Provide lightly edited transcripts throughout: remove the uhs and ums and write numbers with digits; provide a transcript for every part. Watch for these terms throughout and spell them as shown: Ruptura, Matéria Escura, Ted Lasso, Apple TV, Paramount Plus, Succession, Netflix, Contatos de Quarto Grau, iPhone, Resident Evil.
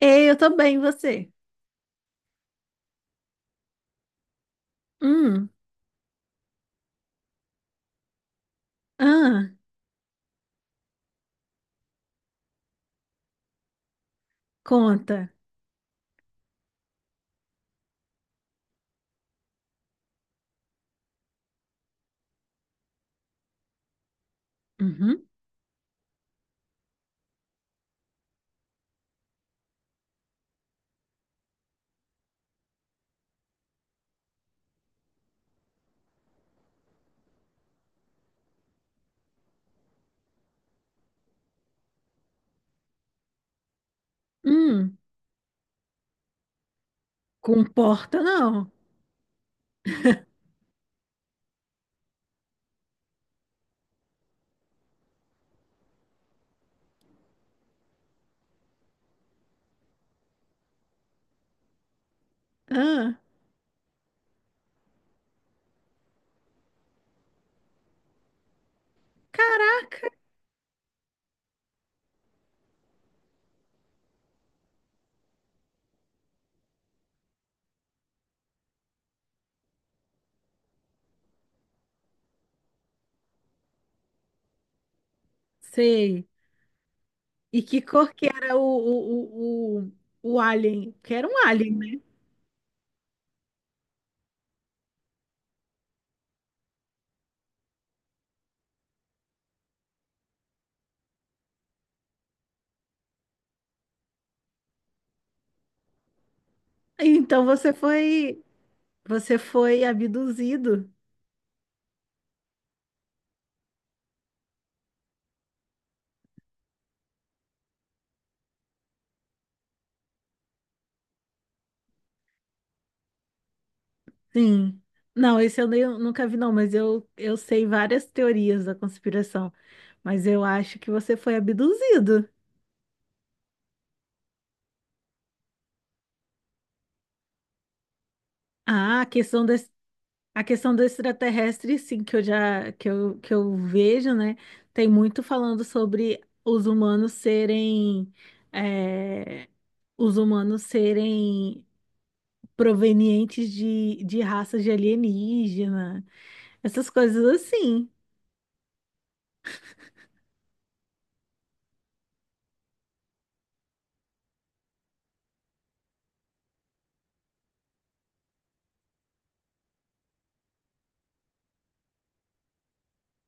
Ei, eu tô bem, e você? Hum, ah, conta. Uhum. Hum, comporta não. Ah, caraca, sei. E que cor que era o alien? Que era um alien, né? Então você foi, você foi abduzido. Sim. Não, esse eu nunca vi, não, mas eu sei várias teorias da conspiração. Mas eu acho que você foi abduzido. Ah, A questão do extraterrestre, sim, que eu já que eu vejo, né? Tem muito falando sobre os humanos serem é, os humanos serem provenientes de raças de alienígena, essas coisas assim.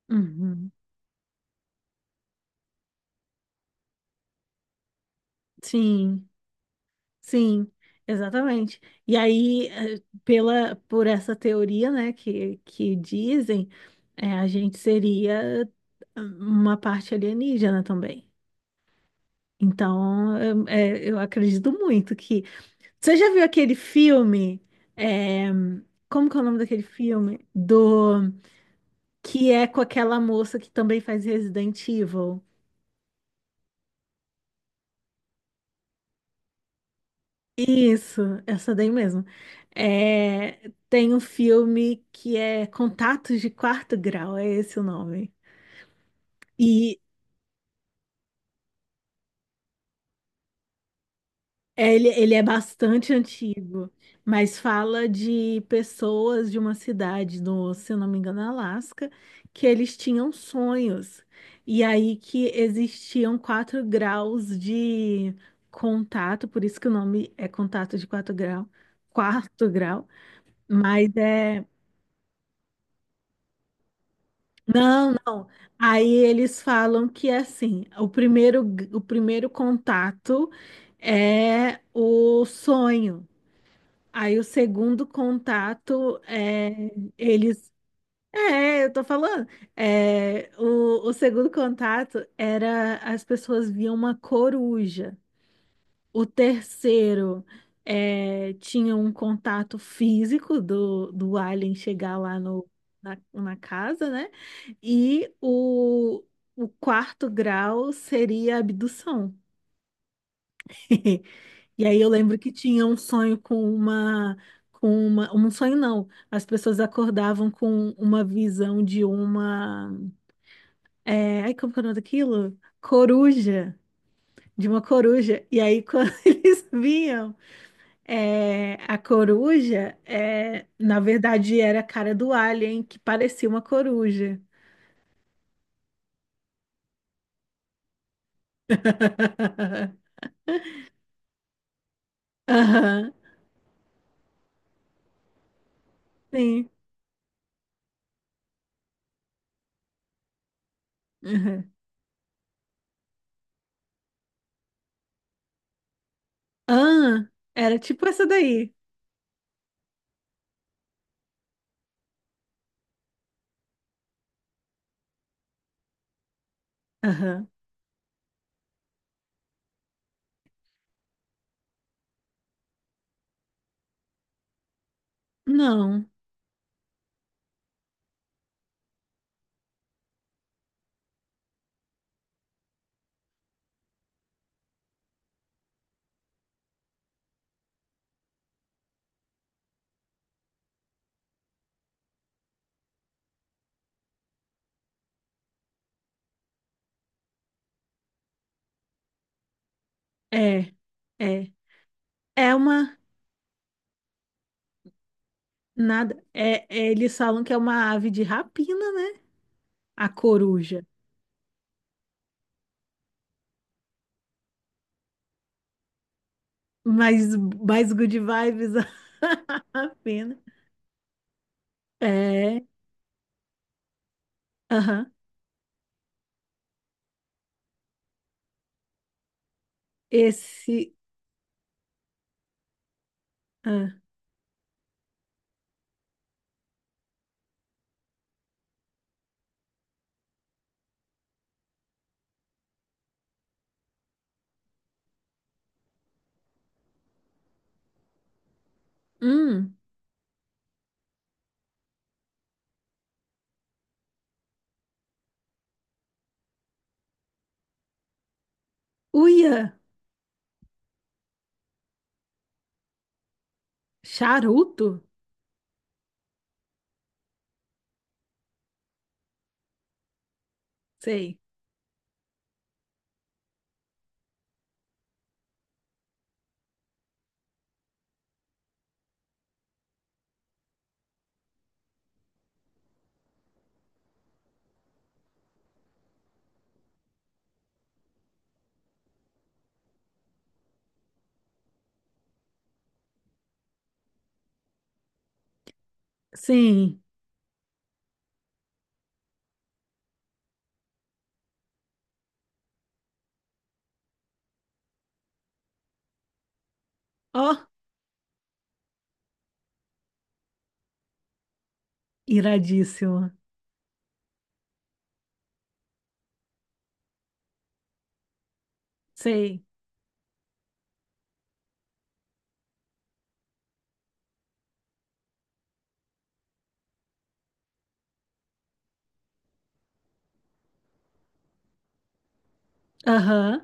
Uhum. Sim. Sim, exatamente. E aí, pela, por essa teoria, né, que dizem, a gente seria uma parte alienígena também. Então, eu acredito muito que. Você já viu aquele filme? eh, Como que é o nome daquele filme? Do Que é com aquela moça que também faz Resident Evil. Isso, essa daí mesmo. É, tem um filme que é Contatos de Quarto Grau, é esse o nome. E é, ele é bastante antigo, mas fala de pessoas de uma cidade no, se eu não me engano, Alasca, que eles tinham sonhos. E aí que existiam quatro graus de contato, por isso que o nome é Contato de quarto grau, mas é. Não, aí eles falam que assim, o primeiro contato é o sonho. Aí o segundo contato é eles. É, eu tô falando. É, o segundo contato era as pessoas viam uma coruja. O terceiro tinha um contato físico do alien chegar lá no, na casa, né? E o quarto grau seria a abdução. E aí eu lembro que tinha um sonho com uma, um sonho não, as pessoas acordavam com uma visão de uma, ai, como que é o nome daquilo? Coruja, de uma coruja. E aí quando eles vinham é, a coruja, é, na verdade, era a cara do alien que parecia uma coruja. Aham, sim. Aham. Ah, era tipo essa daí. Aham. Não, é, é. É uma. Nada. É, eles falam que é uma ave de rapina, né? A coruja. Mais, mais good vibes. A rapina. É. Aham. Esse. Ah, hum. Uia! Charuto? Sei. Sim. Ó, iradíssimo. Sei. Aham,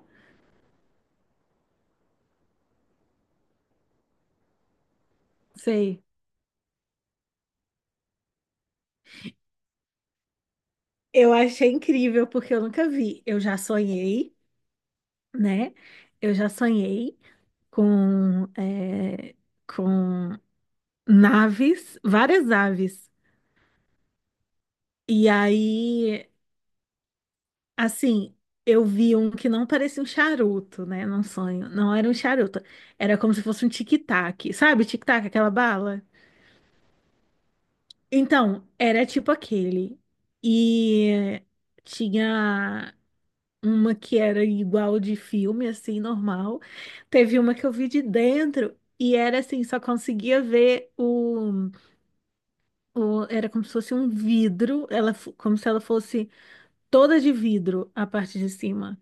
sei. Eu achei incrível porque eu nunca vi. Eu já sonhei, né? Eu já sonhei com, com naves, várias aves. E aí, assim, eu vi um que não parecia um charuto, né? Num sonho. Não era um charuto. Era como se fosse um tic-tac. Sabe, tic-tac, aquela bala? Então, era tipo aquele. E tinha uma que era igual de filme, assim, normal. Teve uma que eu vi de dentro e era assim, só conseguia ver era como se fosse um vidro, como se ela fosse toda de vidro a parte de cima.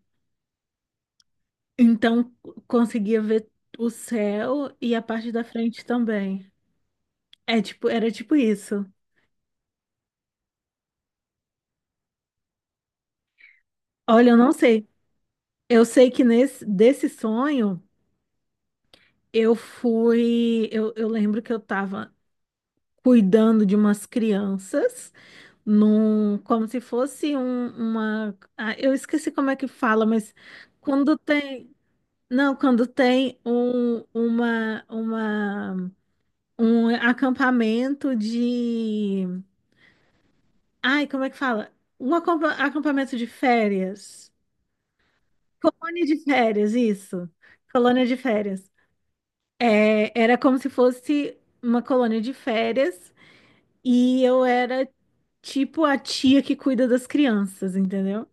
Então, conseguia ver o céu e a parte da frente também. É tipo, era tipo isso. Olha, eu não sei. Eu sei que nesse desse sonho eu fui, eu lembro que eu estava cuidando de umas crianças num, como se fosse ah, eu esqueci como é que fala, mas quando tem, não, quando tem um acampamento de, ai, como é que fala? Um acampamento de férias, colônia de férias, isso, colônia de férias. É, era como se fosse uma colônia de férias e eu era tipo a tia que cuida das crianças, entendeu?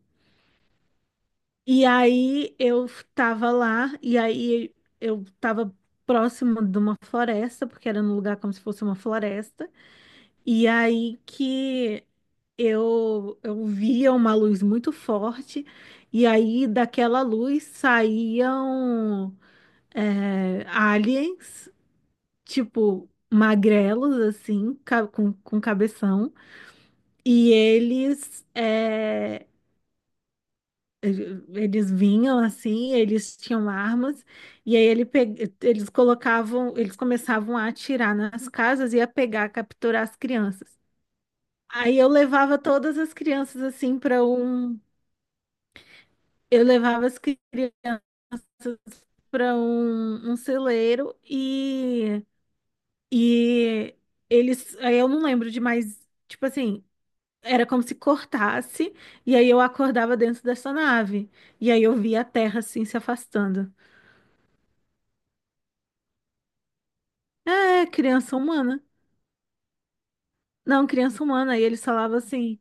E aí eu tava lá, e aí eu tava próximo de uma floresta, porque era num lugar como se fosse uma floresta. E aí que eu via uma luz muito forte, e aí daquela luz saíam aliens, tipo magrelos, assim, com cabeção. E eles, é, eles vinham assim, eles tinham armas, e aí eles colocavam, eles começavam a atirar nas casas e a pegar, capturar as crianças. Aí eu levava todas as crianças assim para um, eu levava as crianças para um celeiro e eles, aí eu não lembro de mais, tipo assim, era como se cortasse, e aí eu acordava dentro dessa nave. E aí eu via a Terra assim se afastando. É, criança humana. Não, criança humana. E eles falavam assim: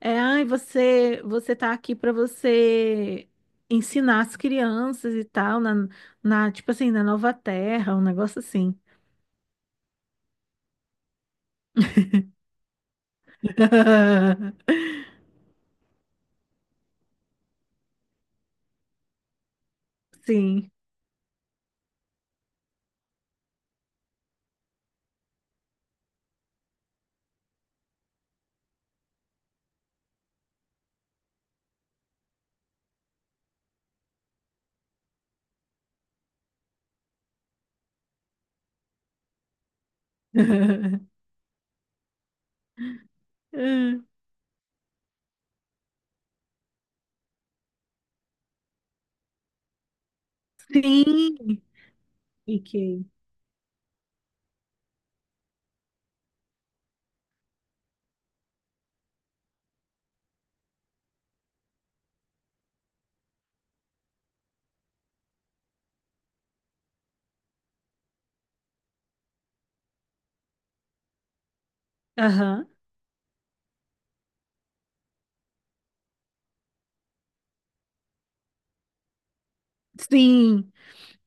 é, ai, você tá aqui para você ensinar as crianças e tal, tipo assim, na Nova Terra, um negócio assim. Sim. Sim, fiquei. Aham. Sim.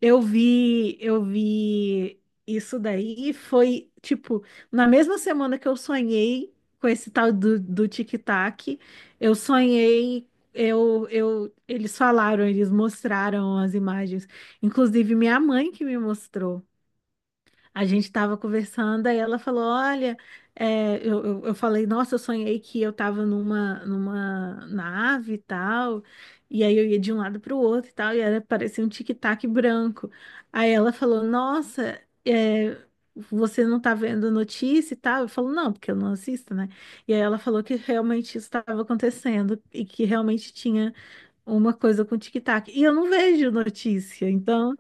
Eu vi isso daí e foi, tipo, na mesma semana que eu sonhei com esse tal do tic-tac, eu sonhei, eles falaram, eles mostraram as imagens, inclusive minha mãe que me mostrou. A gente estava conversando, aí ela falou: Olha, eu falei, nossa, eu sonhei que eu estava numa nave e tal, e aí eu ia de um lado para o outro e tal, e era, parecia um tic-tac branco. Aí ela falou: Nossa, é, você não tá vendo notícia e tal? Eu falo: Não, porque eu não assisto, né? E aí ela falou que realmente isso estava acontecendo e que realmente tinha uma coisa com tic-tac. E eu não vejo notícia, então,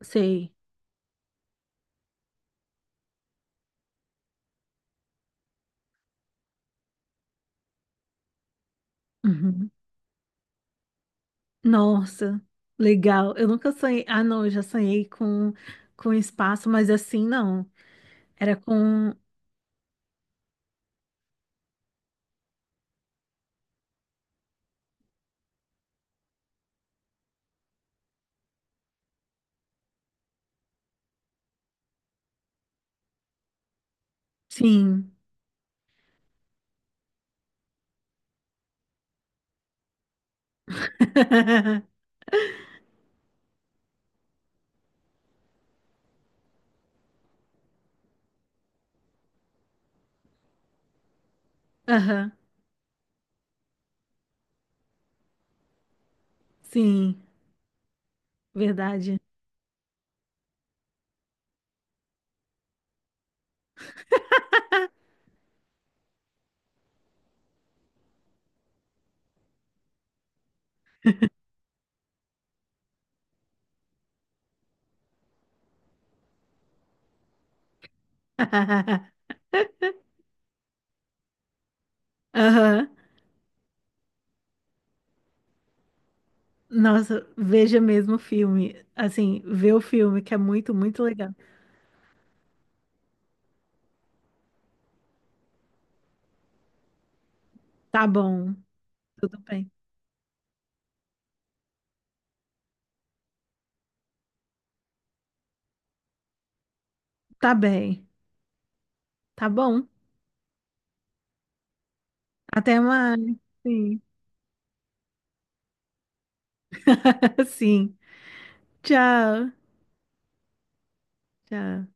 sei. Uhum. Nossa, legal. Eu nunca sonhei. Ah, não, eu já sonhei com espaço, mas assim não. Era com. Sim. Aham, sim, verdade. Aham. Nossa, veja mesmo o filme. Assim, vê o filme, que é muito, muito legal. Tá bom, tudo bem. Tá bem. Tá bom. Até mais. Sim. Sim. Tchau. Tchau.